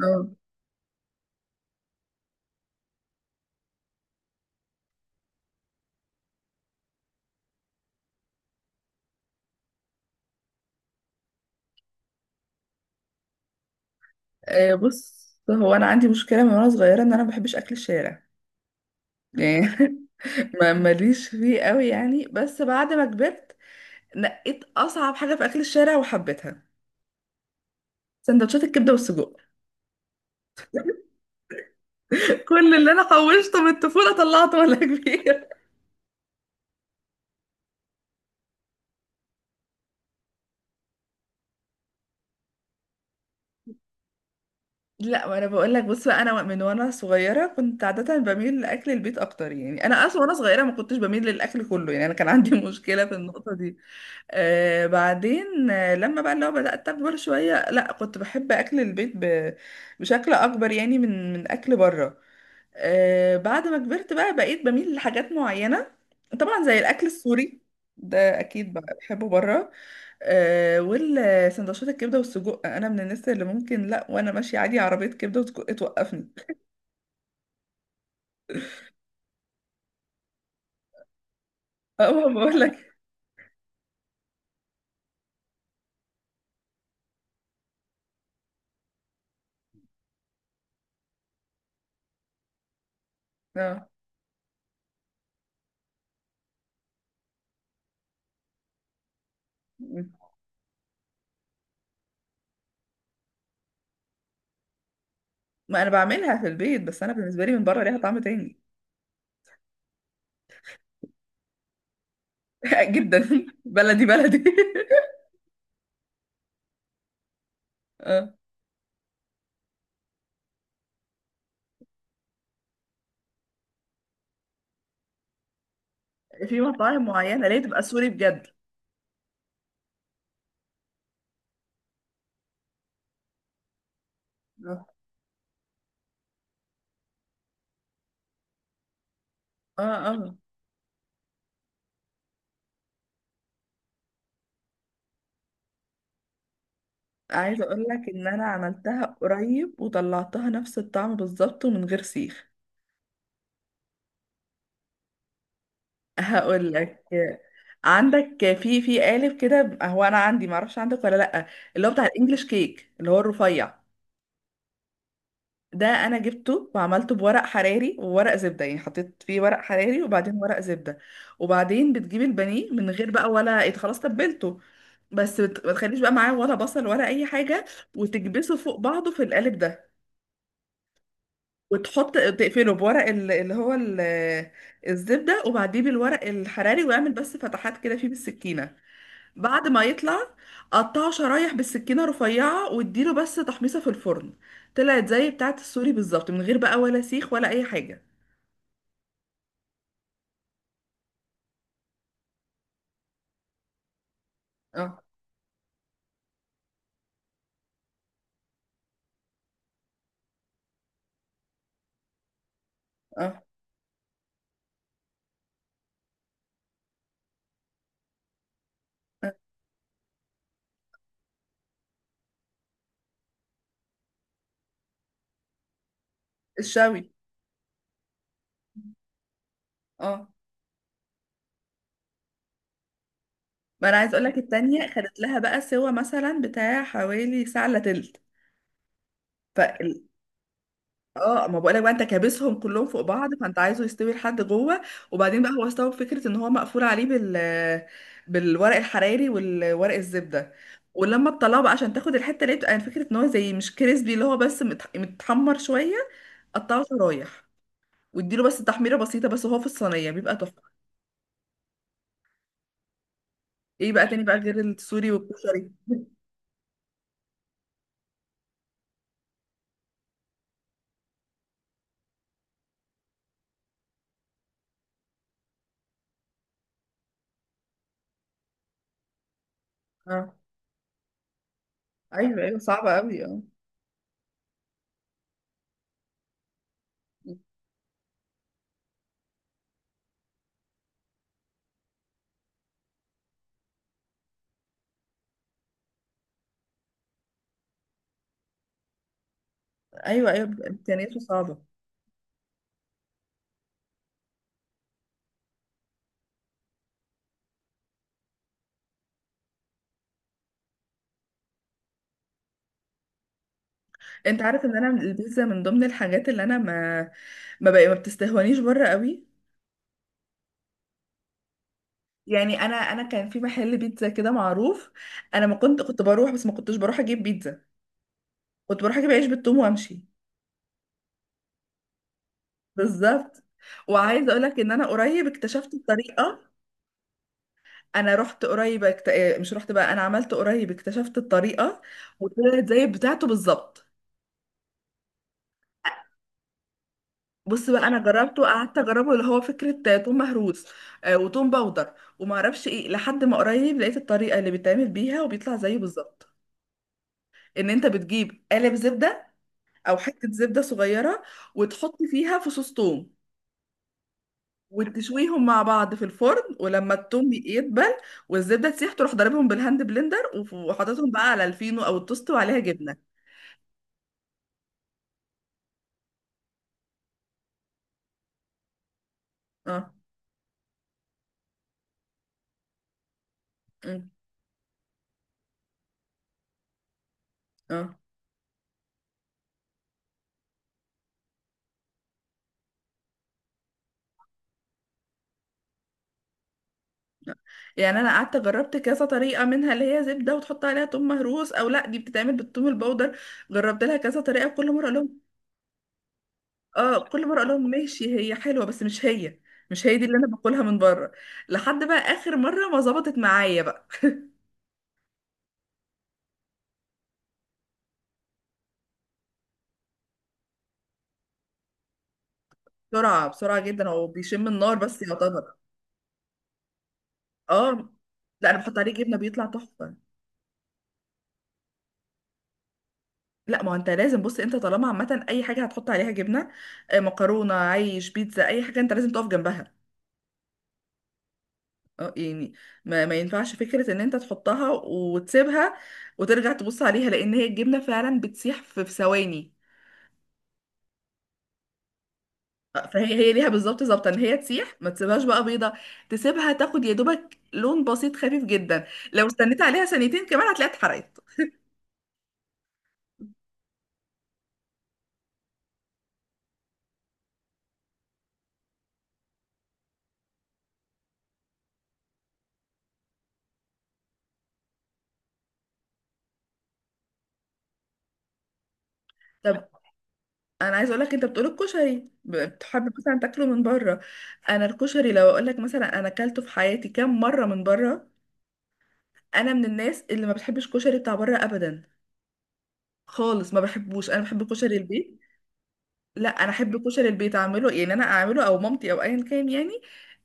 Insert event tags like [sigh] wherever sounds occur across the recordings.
اه آه، بص. انا عندي مشكله من وانا صغيره ان انا ما بحبش اكل الشارع يعني. [laughs] ما ماليش فيه قوي يعني، بس بعد ما كبرت نقيت اصعب حاجه في اكل الشارع وحبيتها: سندوتشات الكبده والسجق. كل اللي انا حوشته من الطفوله طلعته ولا كبير. [laughs] لا، ما انا بقول لك، بص بقى، انا من وانا صغيره كنت عاده بميل لاكل البيت اكتر، يعني انا اصلا وانا صغيره ما كنتش بميل للاكل كله، يعني انا كان عندي [laughs] مشكله في النقطه دي. آه، بعدين آه لما بقى لو بدأت أكبر شوية، لا كنت بحب أكل البيت بشكل أكبر، يعني من أكل بره. آه، بعد ما كبرت بقى بقيت بميل لحاجات معينة، طبعا زي الأكل السوري. ده أكيد بقى بحبه بره. آه، والسندوتشات الكبدة والسجق، أنا من الناس اللي ممكن لا وأنا ماشية عادي، عربية كبدة وسجق توقفني. [laughs] أه، ما بقول لك. أه، ما أنا بعملها في البيت، بس أنا بالنسبة لي من بره ليها طعم تاني. [laughs] جدا بلدي بلدي. [laughs] في مطاعم معينة ليه تبقى سوري بجد. اه اه. عايزة اقول لك ان انا عملتها قريب وطلعتها نفس الطعم بالظبط ومن غير سيخ. هقول لك، عندك في قالب كده. هو انا عندي، معرفش عندك ولا لا، اللي هو بتاع الانجليش كيك، اللي هو الرفيع. ده انا جبته وعملته بورق حراري وورق زبده، يعني حطيت فيه ورق حراري وبعدين ورق زبده. وبعدين بتجيب البانيه من غير بقى ولا إيه، خلاص تبلته، بس ما تخليش بقى معاه ولا بصل ولا اي حاجه، وتكبسه فوق بعضه في القالب ده. وتحط، تقفله بورق اللي هو الزبده، وبعديه بالورق الحراري، واعمل بس فتحات كده فيه بالسكينه. بعد ما يطلع، قطعه شرايح بالسكينة رفيعة واديله بس تحميصة في الفرن. طلعت زي بتاعة السوري بالظبط من غير بقى ولا سيخ ولا أي حاجة. اه اه. آه. الشوي. اه، ما انا عايز اقول لك، التانية خدت لها بقى سوا مثلا بتاع حوالي ساعة الا تلت. فال- اه، ما بقولك بقى، انت كابسهم كلهم فوق بعض، فانت عايزه يستوي لحد جوه. وبعدين بقى هو استوى بفكره ان هو مقفول عليه بالورق الحراري والورق الزبده. ولما تطلعه بقى عشان تاخد الحته اللي هي بتبقى، يعني فكره ان هو زي مش كريسبي، اللي هو بس متحمر شويه، قطعه شرايح واديله بس تحميره بسيطه بس، وهو في الصينيه بيبقى تحفه. ايه بقى تاني بقى غير السوري والكشري؟ اه، ايوه ايوه صعبه قوي اه. ايوه ايوه، بيبقى امكانياته صعبه. انت عارف ان انا البيتزا من ضمن الحاجات اللي انا ما بتستهونيش بره قوي. يعني انا كان في محل بيتزا كده معروف، انا ما كنت كنت بروح، بس ما كنتش بروح اجيب بيتزا، كنت بروح اجيب عيش بالثوم وامشي. بالظبط. وعايزه اقول لك ان انا قريب اكتشفت الطريقه. انا رحت قريب اكت... اه، مش رحت بقى، انا عملت قريب اكتشفت الطريقه، وطلعت زي بتاعته بالظبط. بص بقى، انا جربته قعدت اجربه، اللي هو فكره توم مهروس، آه، وتوم باودر، وما اعرفش ايه، لحد ما قريب لقيت الطريقه اللي بيتعمل بيها وبيطلع زيه بالظبط. ان انت بتجيب قالب زبده، او حته زبده صغيره، وتحط فيها فصوص توم، وتشويهم مع بعض في الفرن، ولما التوم يدبل والزبده تسيح، تروح ضاربهم بالهاند بلندر وحاططهم بقى على الفينو او التوست وعليها جبنه. اه أمم، اه. يعني انا قعدت جربت كذا طريقه، منها اللي هي زبده وتحط عليها توم مهروس، او لا دي بتتعمل بالثوم البودر. جربت لها كذا طريقه وكل مره اقول لهم. اه، كل مره اقول لهم ماشي هي حلوه، بس مش هي، مش هي دي اللي انا باكلها من بره. لحد بقى اخر مره ما ظبطت معايا بقى. بسرعه، بسرعه جدا، هو بيشم النار بس يعتبر. اه، لا انا بحط عليه جبنه بيطلع تحفه. لا، ما هو انت لازم، بص، انت طالما عامه اي حاجه هتحط عليها جبنه، آه، مكرونه، عيش، بيتزا، اي حاجه، انت لازم تقف جنبها. اه يعني، ما, ما ينفعش فكرة ان انت تحطها وتسيبها وترجع تبص عليها، لان هي الجبنة فعلا بتسيح في ثواني. اه، فهي هي ليها بالظبط ظابطة ان هي تسيح، ما تسيبهاش بقى بيضة، تسيبها تاخد يا دوبك لون بسيط خفيف جدا. لو استنيت عليها ثانيتين كمان هتلاقيها اتحرقت. طب انا عايز اقول لك، انت بتقول الكشري بتحب مثلا تاكله من بره. انا الكشري لو اقول لك مثلا انا اكلته في حياتي كام مرة من بره. انا من الناس اللي ما بتحبش كشري بتاع بره ابدا خالص، ما بحبوش. انا بحب كشري البيت. لا انا احب كشري البيت اعمله، يعني انا اعمله او مامتي او ايا كان يعني.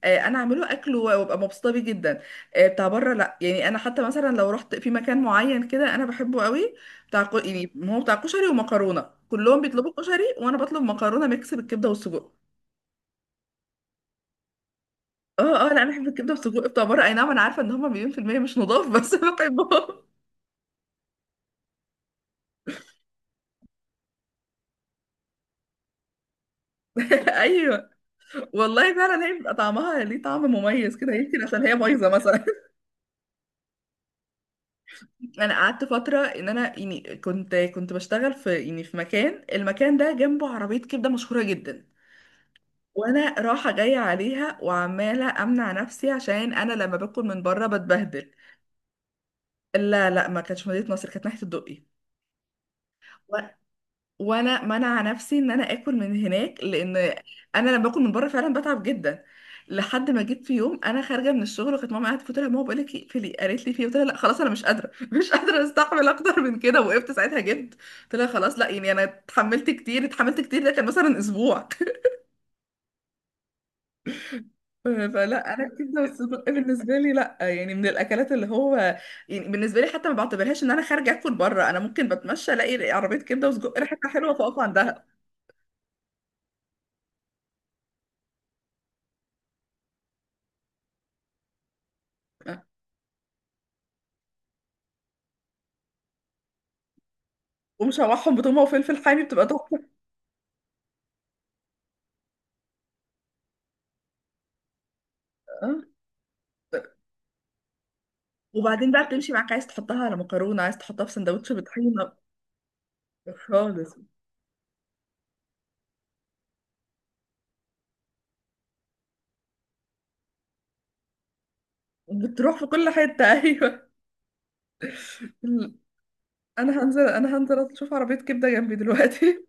آه، انا اعمله اكله وابقى مبسوطه بيه جدا. آه، بتاع بره لا. يعني انا حتى مثلا لو رحت في مكان معين كده انا بحبه قوي، بتاع يعني هو بتاع كشري ومكرونه، كلهم بيطلبوا كشري وانا بطلب مكرونه ميكس بالكبده والسجق. اه اه، لا انا بحب الكبده والسجق بتاع بره. اي نعم، انا عارفه ان هم مليون في الميه مش نضاف، بس [laughs] بحبهم. ايوه، والله فعلا هي بيبقى طعمها ليه طعم مميز كده، يمكن عشان هي بايظه مثلا. انا قعدت فتره ان انا يعني كنت بشتغل في، يعني في مكان، المكان ده جنبه عربيه كبده مشهوره جدا. وانا رايحه جايه عليها وعماله امنع نفسي، عشان انا لما باكل من بره بتبهدل. لا لا، ما كانتش مدينه نصر، كانت ناحيه الدقي. وانا منع نفسي ان انا اكل من هناك، لان انا لما باكل من بره فعلا بتعب جدا. لحد ما جيت في يوم انا خارجه من الشغل وكانت ماما قاعده، قلت لها ماما بقول لك اقفلي، قالت لي في إيه؟ قلت لها لا خلاص انا مش قادره، [laughs] مش قادره استحمل اكتر من كده، وقفت ساعتها جبت. قلت لها خلاص لا، يعني انا اتحملت كتير اتحملت كتير، ده كان مثلا اسبوع. [laughs] فلا انا الكبده والسجق بالنسبه لي، لا يعني من الاكلات اللي هو، يعني بالنسبه لي حتى ما بعتبرهاش ان انا خارجه اكل بره. انا ممكن بتمشى الاقي عربيه كبده وسجق ريحتها حلوه فاقف عندها، ومشوحهم بتومه وفلفل حامي بتبقى تحفه. اه، وبعدين بقى بتمشي معاك، عايز تحطها على مكرونه، عايز تحطها في سندوتش بطحينه، خالص بتروح في كل حته. [laughs] ايوه، انا هنزل، انا هنزل اشوف عربيه كبده جنبي دلوقتي.